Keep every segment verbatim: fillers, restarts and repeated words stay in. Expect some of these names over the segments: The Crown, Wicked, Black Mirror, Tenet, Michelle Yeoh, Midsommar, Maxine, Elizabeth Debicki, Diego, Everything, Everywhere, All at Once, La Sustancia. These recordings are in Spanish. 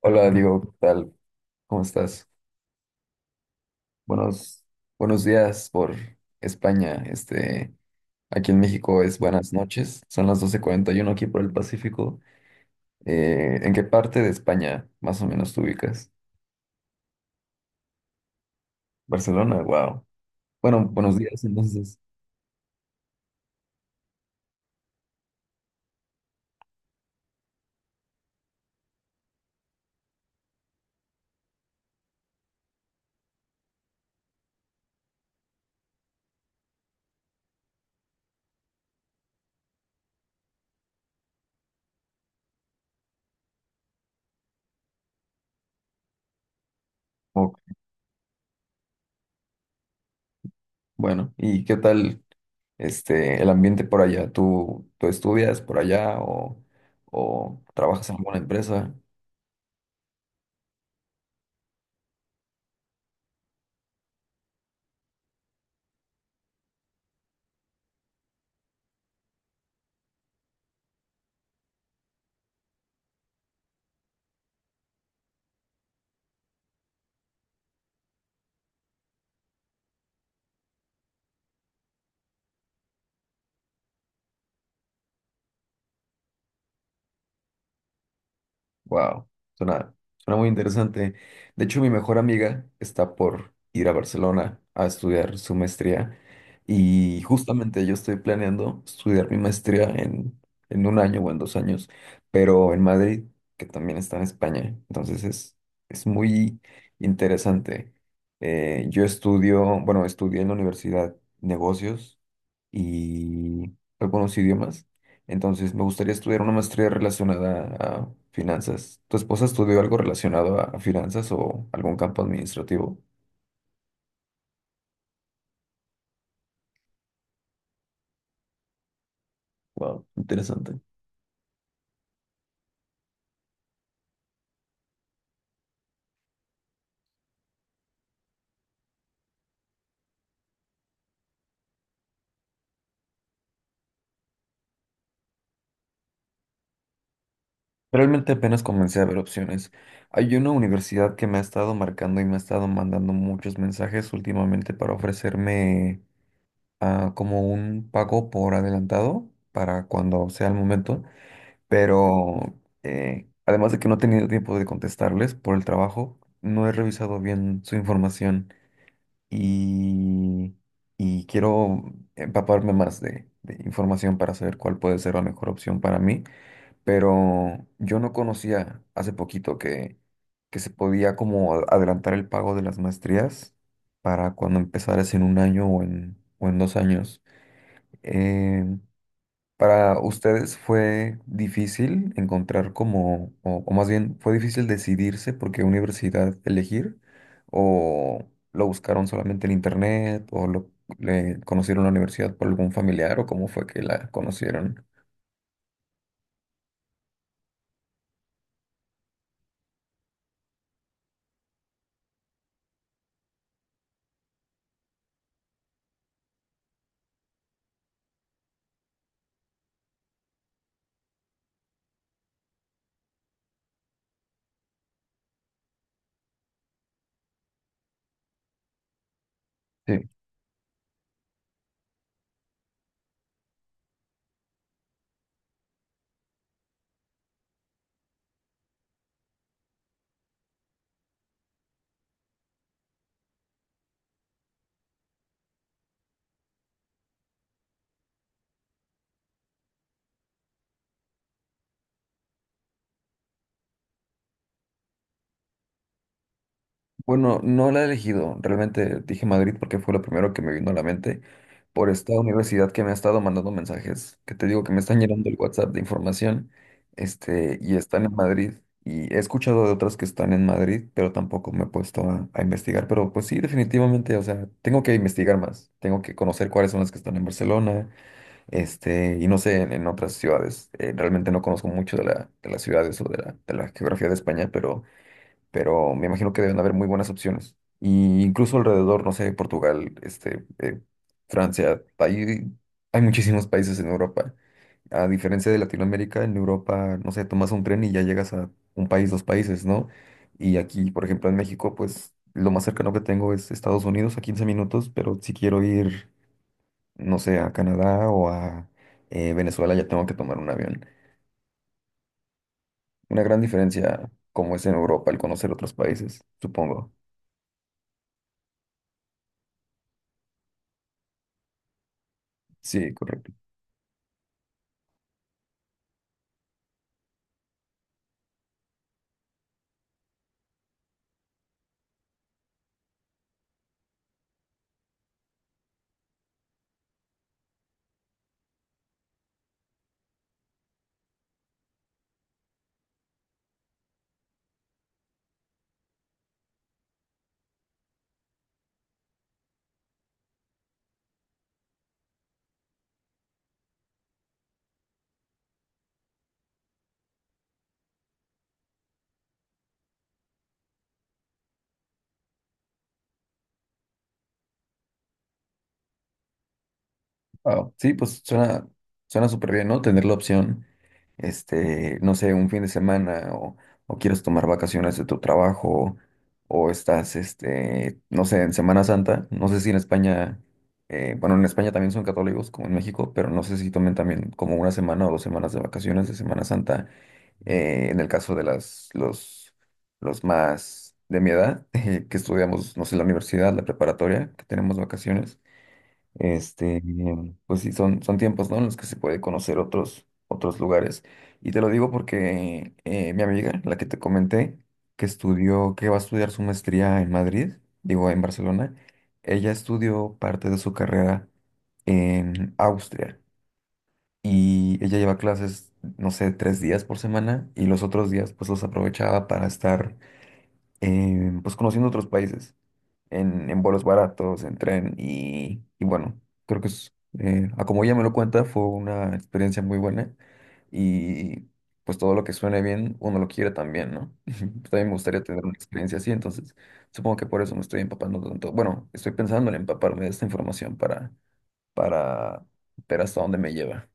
Hola, Diego, ¿qué tal? ¿Cómo estás? Buenos, buenos días por España. Este, aquí en México es buenas noches. Son las doce cuarenta y uno aquí por el Pacífico. Eh, ¿en qué parte de España más o menos te ubicas? Barcelona, wow. Bueno, buenos días entonces. Ok, bueno, ¿y qué tal este el ambiente por allá? ¿Tú, tú estudias por allá o, o trabajas en alguna empresa? Wow, suena, suena muy interesante. De hecho, mi mejor amiga está por ir a Barcelona a estudiar su maestría y justamente yo estoy planeando estudiar mi maestría en, en un año o en dos años, pero en Madrid, que también está en España. Entonces es, es muy interesante. Eh, yo estudio, bueno, estudié en la universidad negocios y algunos idiomas. Entonces, me gustaría estudiar una maestría relacionada a finanzas. ¿Tu esposa estudió algo relacionado a, a finanzas o algún campo administrativo? Wow, interesante. Realmente apenas comencé a ver opciones. Hay una universidad que me ha estado marcando y me ha estado mandando muchos mensajes últimamente para ofrecerme ah, como un pago por adelantado para cuando sea el momento. Pero eh, además de que no he tenido tiempo de contestarles por el trabajo, no he revisado bien su información y, y quiero empaparme más de, de información para saber cuál puede ser la mejor opción para mí, pero yo no conocía hace poquito que, que se podía como a- adelantar el pago de las maestrías para cuando empezaras en un año o en, o en dos años. Em, para ustedes fue difícil encontrar como, o, o más bien, fue difícil decidirse por qué universidad elegir, o lo buscaron solamente en internet, o lo, le conocieron la universidad por algún familiar, o cómo fue que la conocieron. Bueno, no la he elegido. Realmente dije Madrid porque fue lo primero que me vino a la mente por esta universidad que me ha estado mandando mensajes, que te digo que me están llenando el WhatsApp de información. este, y están en Madrid. Y he escuchado de otras que están en Madrid, pero tampoco me he puesto a, a investigar. Pero pues sí, definitivamente, o sea, tengo que investigar más. Tengo que conocer cuáles son las que están en Barcelona. este, y no sé, en, en otras ciudades. Eh, realmente no conozco mucho de la, de las ciudades o de la, de la geografía de España, pero pero me imagino que deben haber muy buenas opciones. Y incluso alrededor, no sé, Portugal, este, eh, Francia, hay, hay muchísimos países en Europa. A diferencia de Latinoamérica, en Europa, no sé, tomas un tren y ya llegas a un país, dos países, ¿no? Y aquí, por ejemplo, en México, pues lo más cercano que tengo es Estados Unidos a quince minutos, pero si quiero ir, no sé, a Canadá o a eh, Venezuela, ya tengo que tomar un avión. Una gran diferencia como es en Europa el conocer otros países, supongo. Sí, correcto. Wow, sí, pues suena, suena súper bien, ¿no? Tener la opción, este, no sé, un fin de semana o, o quieres tomar vacaciones de tu trabajo o estás, este, no sé, en Semana Santa. No sé si en España, eh, bueno, en España también son católicos como en México, pero no sé si tomen también como una semana o dos semanas de vacaciones de Semana Santa, eh, en el caso de las, los, los más de mi edad, que estudiamos, no sé, la universidad, la preparatoria, que tenemos vacaciones. Este, em, pues sí, son, son tiempos, ¿no? En los que se puede conocer otros, otros lugares. Y te lo digo porque eh, mi amiga, la que te comenté, que estudió, que va a estudiar su maestría en Madrid, digo, en Barcelona, ella estudió parte de su carrera en Austria y ella lleva clases, no sé, tres días por semana y los otros días pues los aprovechaba para estar eh, pues conociendo otros países en, en vuelos baratos, en tren y, y bueno, creo que es, eh, a como ella me lo cuenta, fue una experiencia muy buena y pues todo lo que suene bien, uno lo quiere también, ¿no? También me gustaría tener una experiencia así, entonces supongo que por eso me estoy empapando tanto. Bueno, estoy pensando en empaparme de esta información para, para ver hasta dónde me lleva.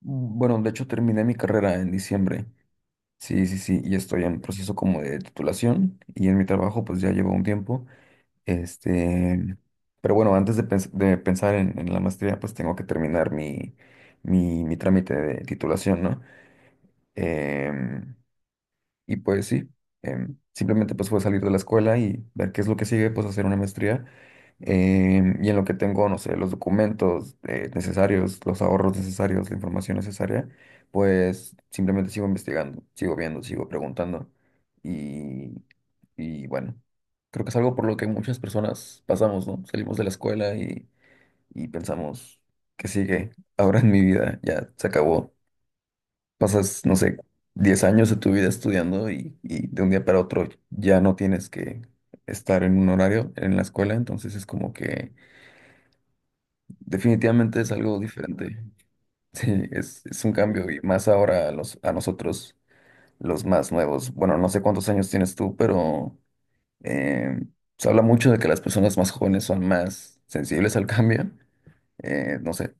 Bueno, de hecho terminé mi carrera en diciembre. Sí, sí, sí, y estoy en proceso como de titulación y en mi trabajo pues ya llevo un tiempo. Este, pero bueno, antes de, pens- de pensar en, en la maestría, pues tengo que terminar mi, mi, mi trámite de titulación, ¿no? Em, y pues sí, em, simplemente pues fue salir de la escuela y ver qué es lo que sigue, pues hacer una maestría. Em, y en lo que tengo, no sé, los documentos eh, necesarios, los ahorros necesarios, la información necesaria, pues simplemente sigo investigando, sigo viendo, sigo preguntando. Y, y bueno, creo que es algo por lo que muchas personas pasamos, ¿no? Salimos de la escuela y, y pensamos, ¿qué sigue ahora en mi vida? Ya se acabó, pasas, no sé, diez años de tu vida estudiando y, y de un día para otro ya no tienes que estar en un horario en la escuela, entonces es como que definitivamente es algo diferente. Sí, es, es un cambio y más ahora a, los, a nosotros, los más nuevos. Bueno, no sé cuántos años tienes tú, pero eh, se habla mucho de que las personas más jóvenes son más sensibles al cambio. Eh, no sé,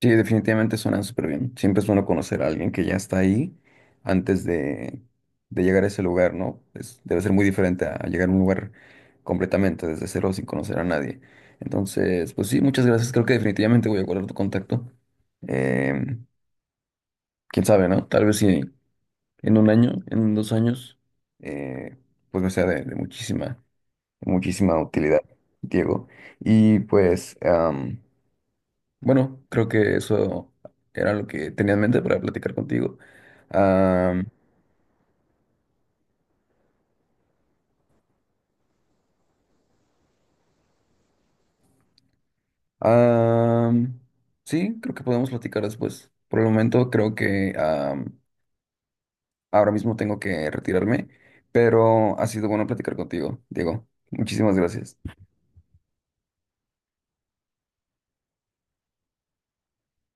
sí, definitivamente suenan súper bien. Siempre es bueno conocer a alguien que ya está ahí antes de, de llegar a ese lugar, ¿no? Es-, debe ser muy diferente a llegar a un lugar completamente desde cero sin conocer a nadie. Entonces, pues sí, muchas gracias. Creo que definitivamente voy a guardar tu contacto. Em, quién sabe, ¿no? Tal vez si en un año, en dos años, eh, pues me sea de, de muchísima, muchísima utilidad, Diego. Y pues, bueno, creo que eso era lo que tenía en mente para platicar contigo. Am, am, sí, creo que podemos platicar después. Por el momento creo que am, ahora mismo tengo que retirarme, pero ha sido bueno platicar contigo, Diego. Muchísimas gracias.